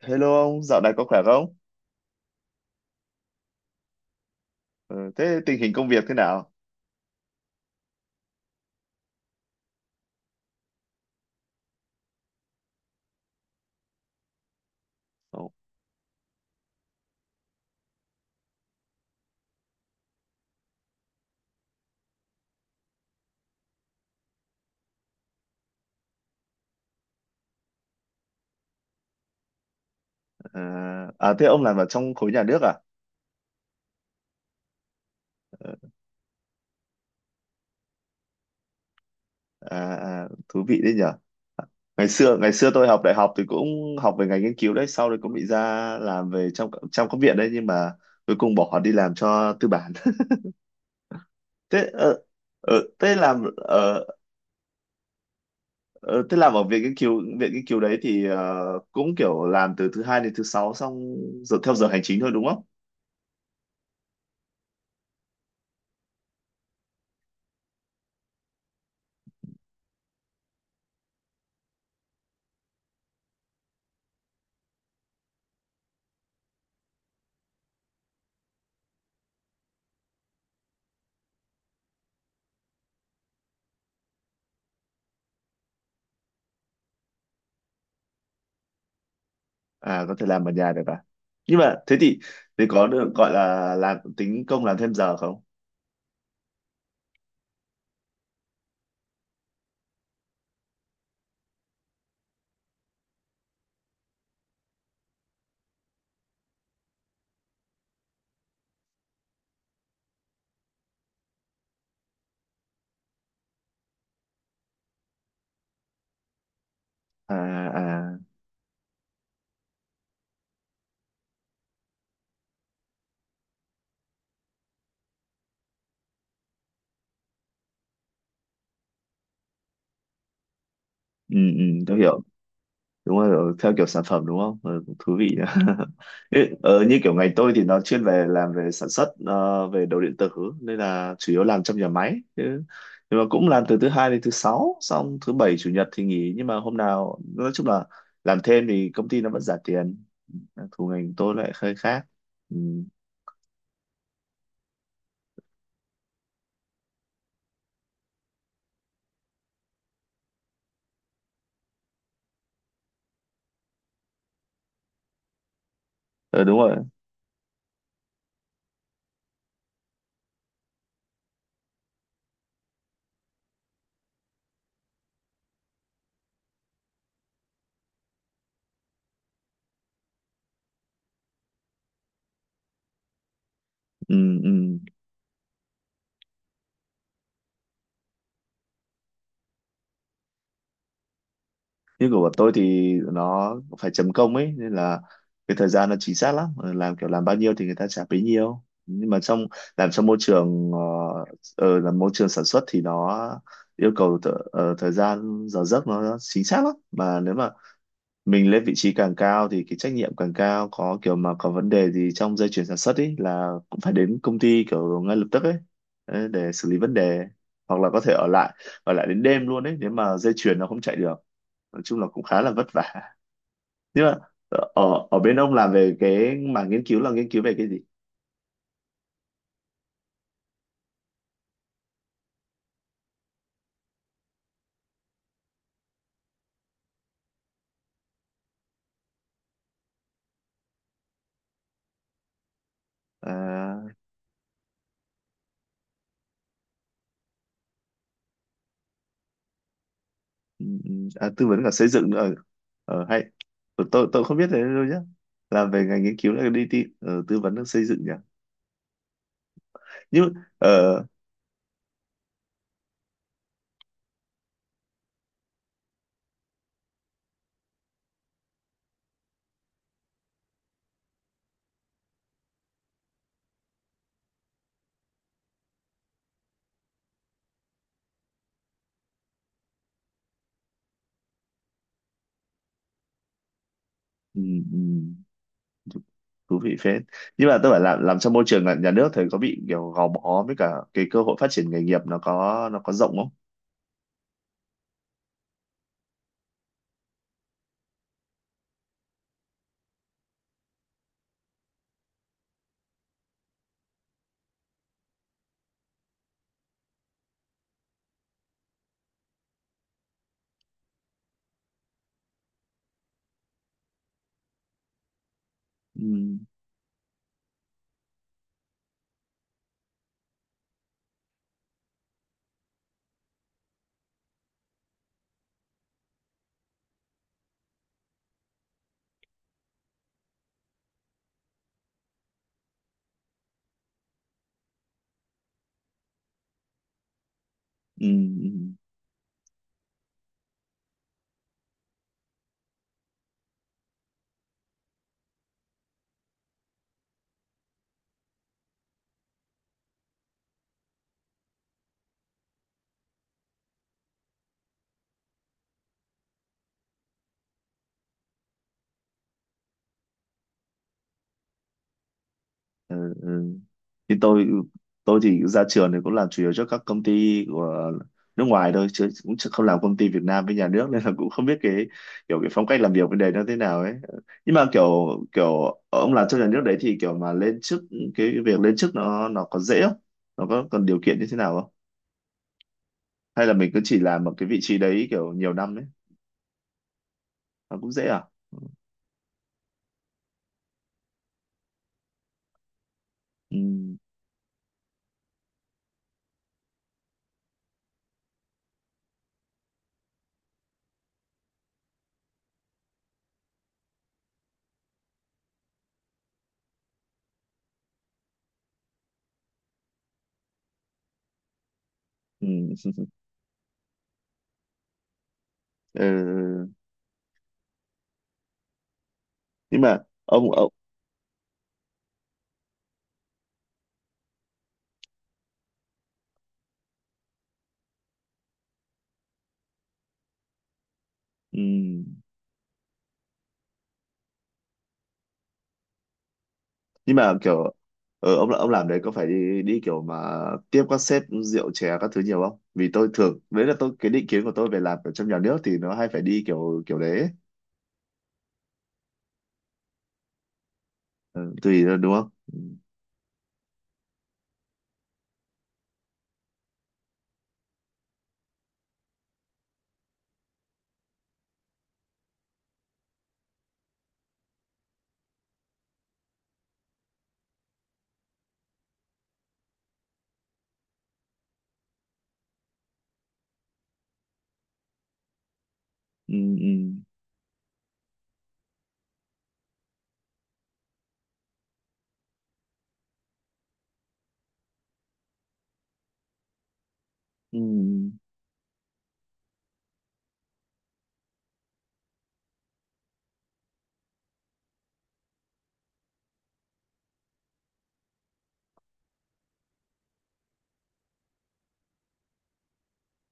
Hello ông, dạo này có khỏe không? Ờ, Thế tình hình công việc thế nào? Ồ. À, à thế ông làm ở trong khối nhà nước à? Ờ. À, à thú vị đấy nhở. Ngày xưa tôi học đại học thì cũng học về ngành nghiên cứu đấy, sau đấy cũng bị ra làm về trong trong các viện đấy nhưng mà cuối cùng bỏ đi làm cho tư bản. Thế ờ, ờ, thế làm ờ, ờ, Thế làm ở viện nghiên cứu đấy thì cũng kiểu làm từ thứ hai đến thứ sáu xong giờ theo giờ hành chính thôi đúng không? À, có thể làm ở nhà được à, nhưng mà thế thì có được gọi là làm tính công làm thêm giờ không? À. À. Ừ, ừ tôi hiểu. Đúng rồi, theo kiểu sản phẩm đúng không? Ừ, cũng thú vị nhỉ. Ê, như kiểu ngành tôi thì nó chuyên về làm về sản xuất, về đồ điện tử nên là chủ yếu làm trong nhà máy chứ, nhưng mà cũng làm từ thứ hai đến thứ sáu xong thứ bảy chủ nhật thì nghỉ, nhưng mà hôm nào nói chung là làm thêm thì công ty nó vẫn trả tiền. Thủ ngành tôi lại hơi khác. Ừ. Ờ đúng rồi. Ừ, ừ. Như của bọn tôi thì nó phải chấm công ấy, nên là cái thời gian nó chính xác lắm. Ờ, làm kiểu làm bao nhiêu thì người ta trả bấy nhiêu, nhưng mà làm trong môi trường là môi trường sản xuất thì nó yêu cầu thời gian giờ giấc nó chính xác lắm, mà nếu mà mình lên vị trí càng cao thì cái trách nhiệm càng cao, có kiểu mà có vấn đề gì trong dây chuyền sản xuất ấy là cũng phải đến công ty kiểu ngay lập tức ấy, để xử lý vấn đề, hoặc là có thể ở lại, đến đêm luôn ấy nếu mà dây chuyền nó không chạy được. Nói chung là cũng khá là vất vả, nhưng mà ở ở bên ông làm về cái mảng nghiên cứu là nghiên cứu về cái gì? À. Ừ, ừ. À, tư vấn cả xây dựng nữa. Ờ, Hay, tôi không biết thế đâu nhá, làm về ngành nghiên cứu là đi tư vấn xây dựng nhỉ. nhưng ờ, ừ, ừ. Thú vị phết. Nhưng mà tôi phải làm trong môi trường là nhà nước thì có bị kiểu gò bó, với cả cái cơ hội phát triển nghề nghiệp nó có, rộng không? Ừ. Ừ. Ừ. Ừ. Ừ. Thì tôi, thì ra trường thì cũng làm chủ yếu cho các công ty của nước ngoài thôi, chứ cũng chứ không làm công ty Việt Nam với nhà nước. Nên là cũng không biết cái kiểu cái phong cách làm việc bên đấy nó thế nào ấy. Nhưng mà kiểu kiểu ông làm trong nhà nước đấy thì kiểu mà lên chức, cái việc lên chức nó có dễ không? Nó có cần điều kiện như thế nào không? Hay là mình cứ chỉ làm một cái vị trí đấy kiểu nhiều năm ấy? Nó cũng dễ à? Ừ, ừ. Ừ. Nhưng mà ông, ừ. Nhưng mà kiểu ông làm đấy có phải đi đi kiểu mà tiếp các sếp rượu chè các thứ nhiều không? Vì tôi thường đấy là tôi, cái định kiến của tôi về làm ở trong nhà nước thì nó hay phải đi kiểu kiểu đấy ấy. Ờ, tùy thôi, đúng không? Ừ. Ừ. Ừ. Ừ.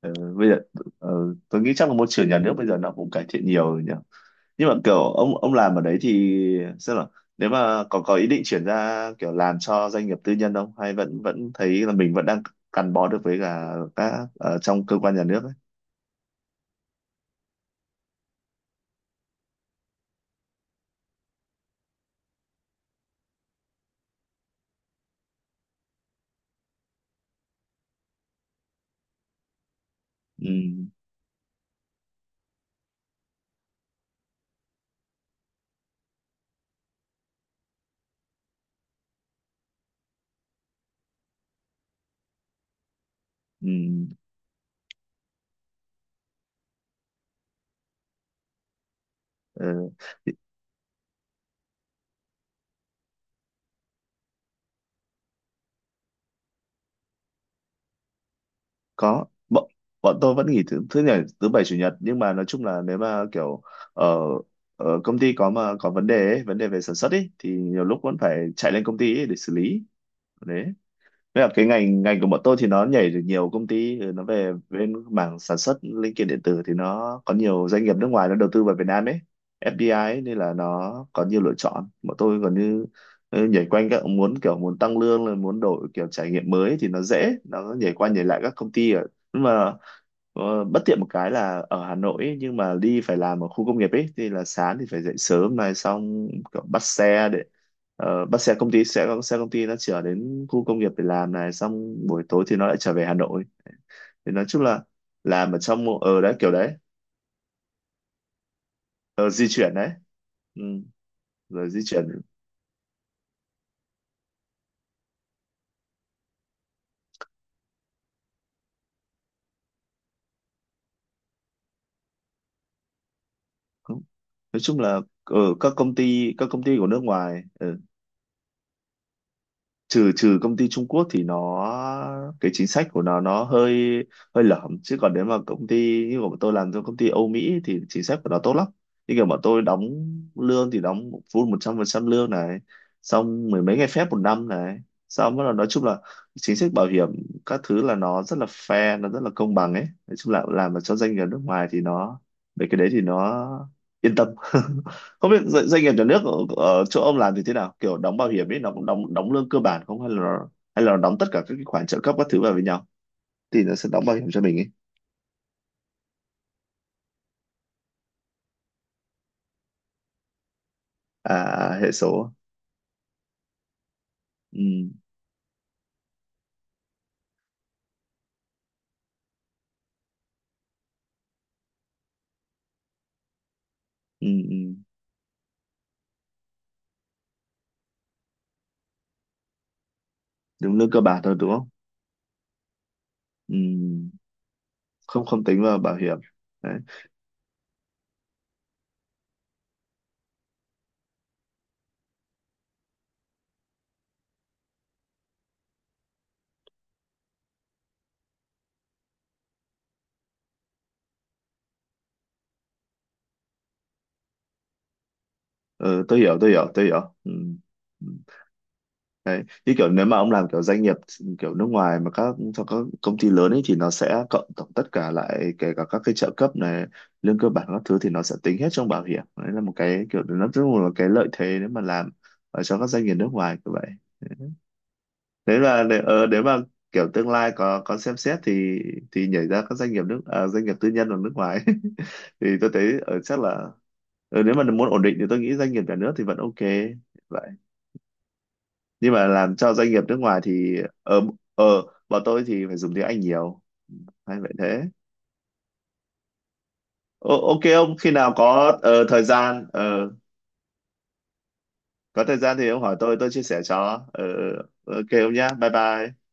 Ờ, bây giờ tôi nghĩ chắc là môi trường nhà nước bây giờ nó cũng cải thiện nhiều rồi nhỉ. Nhưng mà kiểu ông làm ở đấy thì sao, là nếu mà còn có ý định chuyển ra kiểu làm cho doanh nghiệp tư nhân không, hay vẫn vẫn thấy là mình vẫn đang gắn bó được với cả các ở trong cơ quan nhà nước ấy? Ừ. Ừ. Ờ, thì có, bọn bọn tôi vẫn nghỉ thứ thứ nhảy thứ bảy chủ nhật, nhưng mà nói chung là nếu mà kiểu ở ở công ty có, mà có vấn đề ấy, vấn đề về sản xuất ấy, thì nhiều lúc vẫn phải chạy lên công ty ấy để xử lý. Đấy. Thế là cái ngành ngành của bọn tôi thì nó nhảy được nhiều công ty, ừ, nó về bên mảng sản xuất linh kiện điện tử thì nó có nhiều doanh nghiệp nước ngoài nó đầu tư vào Việt Nam ấy, FDI ấy, nên là nó có nhiều lựa chọn. Bọn tôi còn như, ừ, nhảy quanh các, muốn kiểu muốn tăng lương rồi muốn đổi kiểu trải nghiệm mới thì nó dễ, nó nhảy qua nhảy lại các công ty. Ở, nhưng mà bất tiện một cái là ở Hà Nội ấy, nhưng mà đi phải làm ở khu công nghiệp ấy thì là sáng thì phải dậy sớm này, xong kiểu bắt xe để, ờ, bắt xe công ty, sẽ có xe công ty nó chở đến khu công nghiệp để làm này, xong buổi tối thì nó lại trở về Hà Nội. Thì nói chung là làm ở trong mô- ờ đấy kiểu đấy. Ờ, di chuyển đấy. Ừ, rồi di chuyển. Nói chung là ở các công ty, các công ty của nước ngoài, trừ trừ công ty Trung Quốc thì nó, cái chính sách của nó hơi, hơi lởm, chứ còn nếu mà công ty như của bọn tôi làm cho công ty Âu Mỹ thì chính sách của nó tốt lắm. Như kiểu bọn tôi đóng lương thì đóng full 100% lương này, xong mười mấy ngày phép một năm này, xong bắt đầu nói chung là chính sách bảo hiểm các thứ là nó rất là fair, nó rất là công bằng ấy. Nói chung là làm mà cho doanh nghiệp nước ngoài thì nó, về cái đấy thì nó yên tâm. Không biết doanh nghiệp nhà nước ở chỗ ông làm thì thế nào, kiểu đóng bảo hiểm ấy nó cũng đóng, đóng lương cơ bản không, hay là nó đóng tất cả các cái khoản trợ cấp các thứ vào với nhau thì nó sẽ đóng bảo hiểm cho mình ấy? À. À, hệ số. Ừ, ừ, ừ. Đúng lương cơ bản thôi đúng không? Ừ. Không, không tính vào bảo hiểm. Đấy. Ừ, tôi hiểu, ừ. Ừ. Đấy. Như kiểu nếu mà ông làm kiểu doanh nghiệp kiểu nước ngoài, mà các cho các công ty lớn ấy, thì nó sẽ cộng tổng tất cả lại, kể cả các cái trợ cấp này, lương cơ bản các thứ, thì nó sẽ tính hết trong bảo hiểm. Đấy là một cái kiểu nó rất là, một cái lợi thế nếu mà làm ở cho các doanh nghiệp nước ngoài như vậy. Nếu là để, nếu mà kiểu tương lai có, xem xét thì, nhảy ra các doanh nghiệp doanh nghiệp tư nhân ở nước ngoài. Thì tôi thấy ở, chắc là nếu mà muốn ổn định thì tôi nghĩ doanh nghiệp nhà nước thì vẫn ok, nhưng mà làm cho doanh nghiệp nước ngoài thì ở ở bọn tôi thì phải dùng tiếng Anh nhiều. Hay vậy thế. Ô, ok, ông khi nào có thời gian, có thời gian thì ông hỏi tôi chia sẻ cho. Ờ, ờ, ok ông nhá, bye bye.